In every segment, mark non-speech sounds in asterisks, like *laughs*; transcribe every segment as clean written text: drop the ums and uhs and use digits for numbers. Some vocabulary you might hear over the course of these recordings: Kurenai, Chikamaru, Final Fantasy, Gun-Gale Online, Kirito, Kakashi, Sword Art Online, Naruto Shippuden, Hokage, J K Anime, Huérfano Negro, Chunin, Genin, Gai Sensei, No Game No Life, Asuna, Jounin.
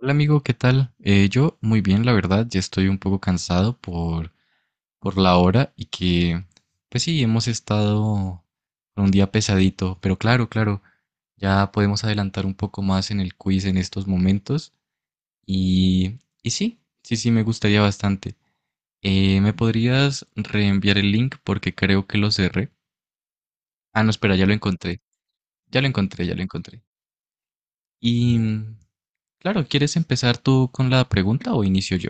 Hola amigo, ¿qué tal? Yo muy bien, la verdad, ya estoy un poco cansado por la hora y que, pues sí, hemos estado con un día pesadito, pero claro, claro, ya podemos adelantar un poco más en el quiz en estos momentos y sí, sí, sí, me gustaría bastante. ¿Me podrías reenviar el link? Porque creo que lo cerré. Ah, no, espera, ya lo encontré, ya lo encontré, ya lo encontré. Y, mm, claro, ¿quieres empezar tú con la pregunta o inicio yo?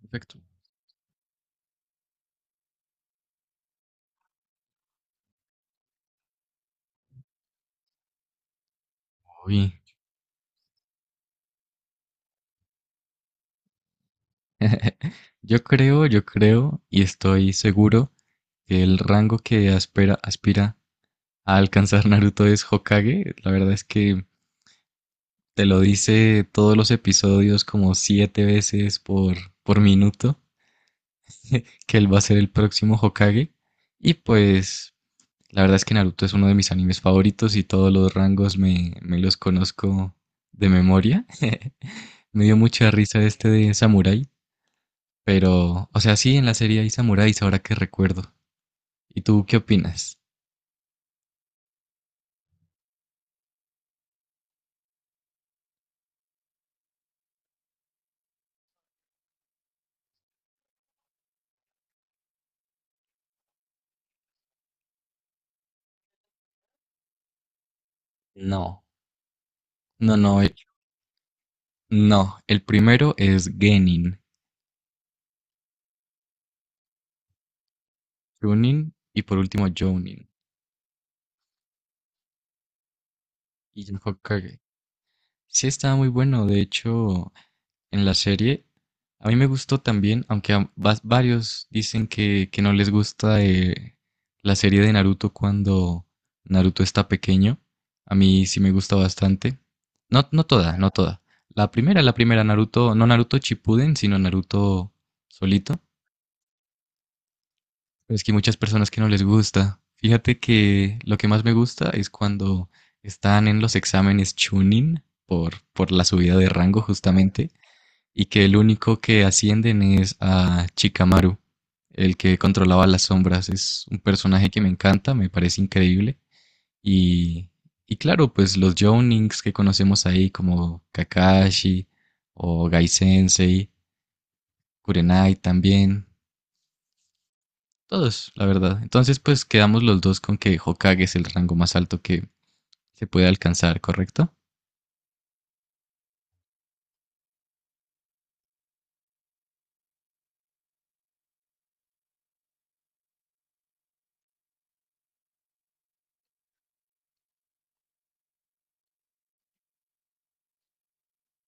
Perfecto. Uy. *laughs* Yo creo y estoy seguro que el rango que aspira a alcanzar Naruto es Hokage. La verdad es que te lo dice todos los episodios como 7 veces por minuto que él va a ser el próximo Hokage. Y pues la verdad es que Naruto es uno de mis animes favoritos y todos los rangos me los conozco de memoria. Me dio mucha risa este de Samurai, pero, o sea, sí, en la serie hay samuráis ahora que recuerdo. ¿Y tú qué opinas? No, no, no, no. El primero es Genin, Chunin y por último Jounin y el Hokage. Sí, estaba muy bueno. De hecho, en la serie a mí me gustó también, aunque a varios dicen que no les gusta la serie de Naruto cuando Naruto está pequeño. A mí sí me gusta bastante. No, no toda, no toda. La primera Naruto, no Naruto Shippuden, sino Naruto solito. Pero es que hay muchas personas que no les gusta. Fíjate que lo que más me gusta es cuando están en los exámenes Chunin por la subida de rango justamente y que el único que ascienden es a Chikamaru, el que controlaba las sombras. Es un personaje que me encanta, me parece increíble y, y claro, pues los Jounings que conocemos ahí como Kakashi o Gai Sensei, Kurenai también, todos, la verdad. Entonces, pues quedamos los dos con que Hokage es el rango más alto que se puede alcanzar, ¿correcto?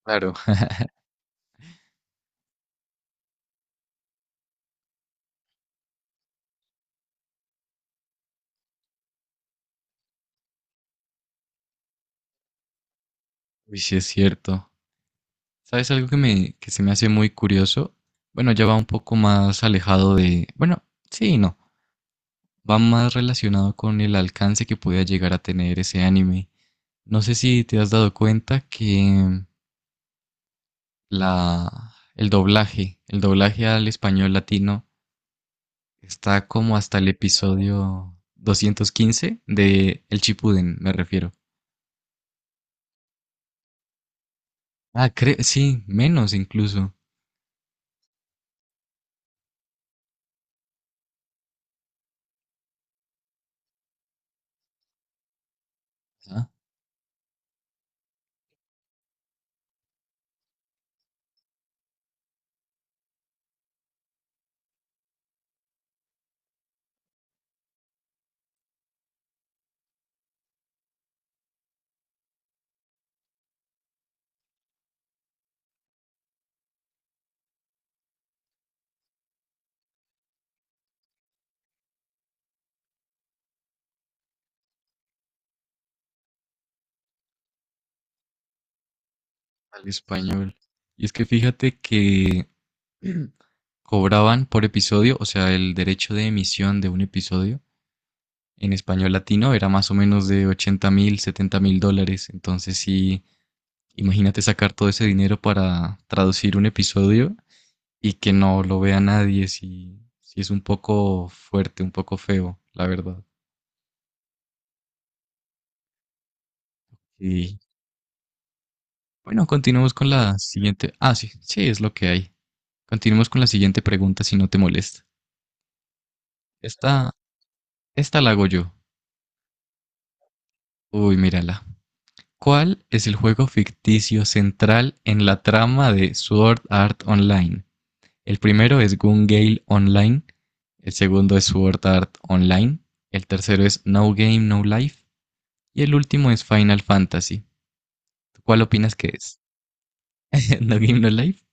Claro. *laughs* Uy, sí es cierto. ¿Sabes algo que se me hace muy curioso? Bueno, ya va un poco más alejado de, bueno, sí y no, va más relacionado con el alcance que podía llegar a tener ese anime. No sé si te has dado cuenta que el doblaje al español latino está como hasta el episodio 215 de El Chipuden, me refiero. Ah, sí, menos incluso, ah, al español. Y es que fíjate que *clears throat* cobraban por episodio, o sea, el derecho de emisión de un episodio en español latino era más o menos de 80 mil, 70 mil dólares. Entonces sí, imagínate sacar todo ese dinero para traducir un episodio y que no lo vea nadie, si, si es un poco fuerte, un poco feo, la verdad. Y bueno, continuamos con la siguiente. Ah, sí, sí, es lo que hay. Continuamos con la siguiente pregunta, si no te molesta. Esta, esta la hago yo. Uy, mírala. ¿Cuál es el juego ficticio central en la trama de Sword Art Online? El primero es Gun-Gale Online, el segundo es Sword Art Online, el tercero es No Game No Life y el último es Final Fantasy. ¿Cuál opinas que es? *laughs* ¿No Game No Life?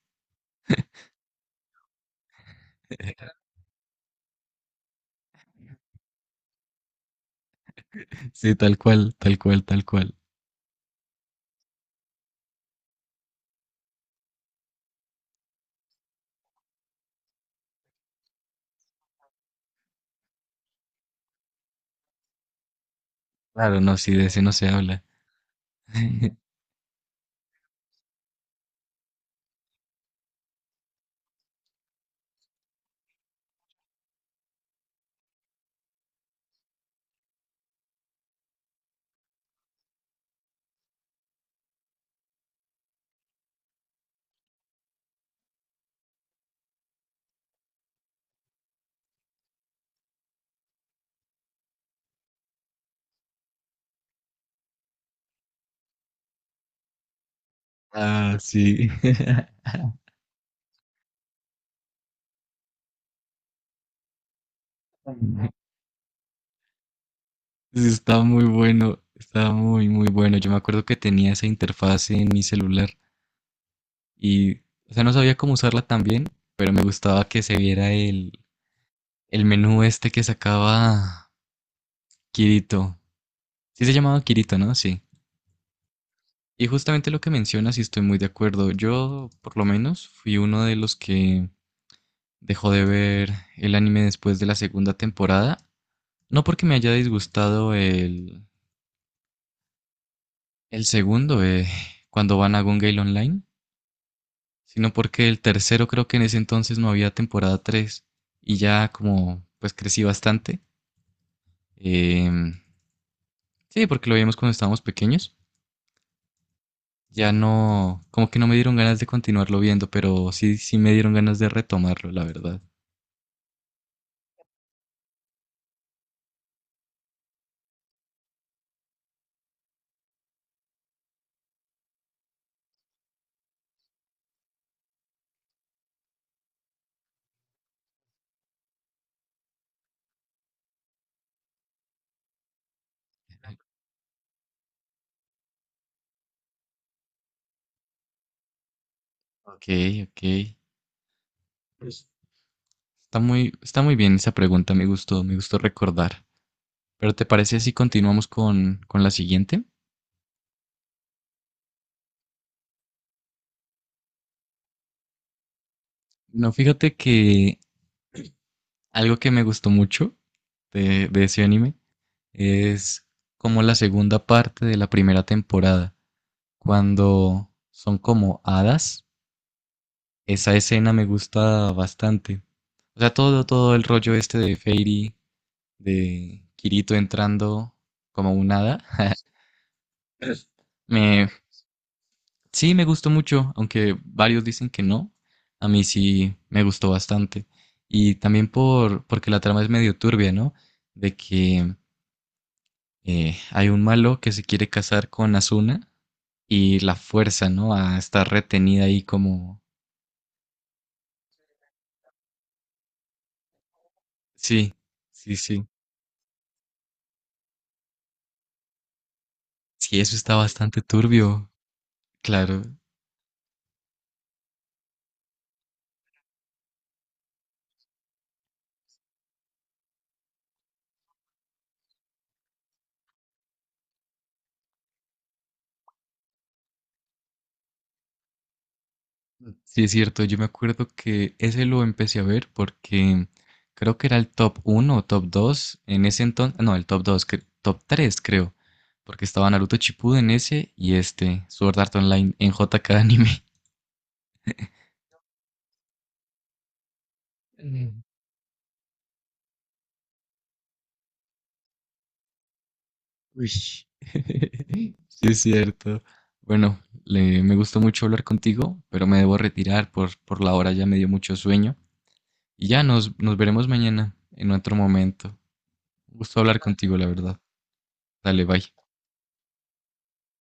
*laughs* Sí, tal cual, tal cual, tal cual. Claro, no, sí, de ese no se habla. *laughs* Ah, sí. *laughs* Sí, está muy bueno, está muy, muy bueno. Yo me acuerdo que tenía esa interfaz en mi celular y, o sea, no sabía cómo usarla tan bien, pero me gustaba que se viera el menú este que sacaba Kirito. Sí se llamaba Kirito, ¿no? Sí. Y justamente lo que mencionas, y estoy muy de acuerdo. Yo, por lo menos, fui uno de los que dejó de ver el anime después de la segunda temporada. No porque me haya disgustado el segundo, cuando van a Gun Gale Online, sino porque el tercero creo que en ese entonces no había temporada 3 y ya como pues crecí bastante. eh, sí, porque lo vimos cuando estábamos pequeños. Ya no, como que no me dieron ganas de continuarlo viendo, pero sí, sí me dieron ganas de retomarlo, la verdad. Ok, ok. Pues, está muy, está muy bien esa pregunta, me gustó recordar. Pero ¿te parece si continuamos con la siguiente? No, fíjate que algo que me gustó mucho de ese anime es como la segunda parte de la primera temporada, cuando son como hadas. Esa escena me gusta bastante. O sea, todo, todo el rollo este de Fairy de Kirito entrando como un hada. *laughs* Me, sí, me gustó mucho, aunque varios dicen que no. A mí sí me gustó bastante. Y también porque la trama es medio turbia, ¿no? De que hay un malo que se quiere casar con Asuna y la fuerza, ¿no? A estar retenida ahí como... Sí, sí, sí. Sí, eso está bastante turbio, claro. Sí, es cierto, yo me acuerdo que ese lo empecé a ver porque creo que era el top uno o top 2 en ese entonces, no, el top 2, cre- top 3 creo, porque estaba Naruto Shippuden en ese y este, Sword Art Online en JKAnime. Mm. Uy. *laughs* Sí, es cierto. Bueno, me gustó mucho hablar contigo, pero me debo retirar por la hora, ya me dio mucho sueño. Y ya nos veremos mañana en otro momento. Un gusto hablar contigo, la verdad. Dale, bye.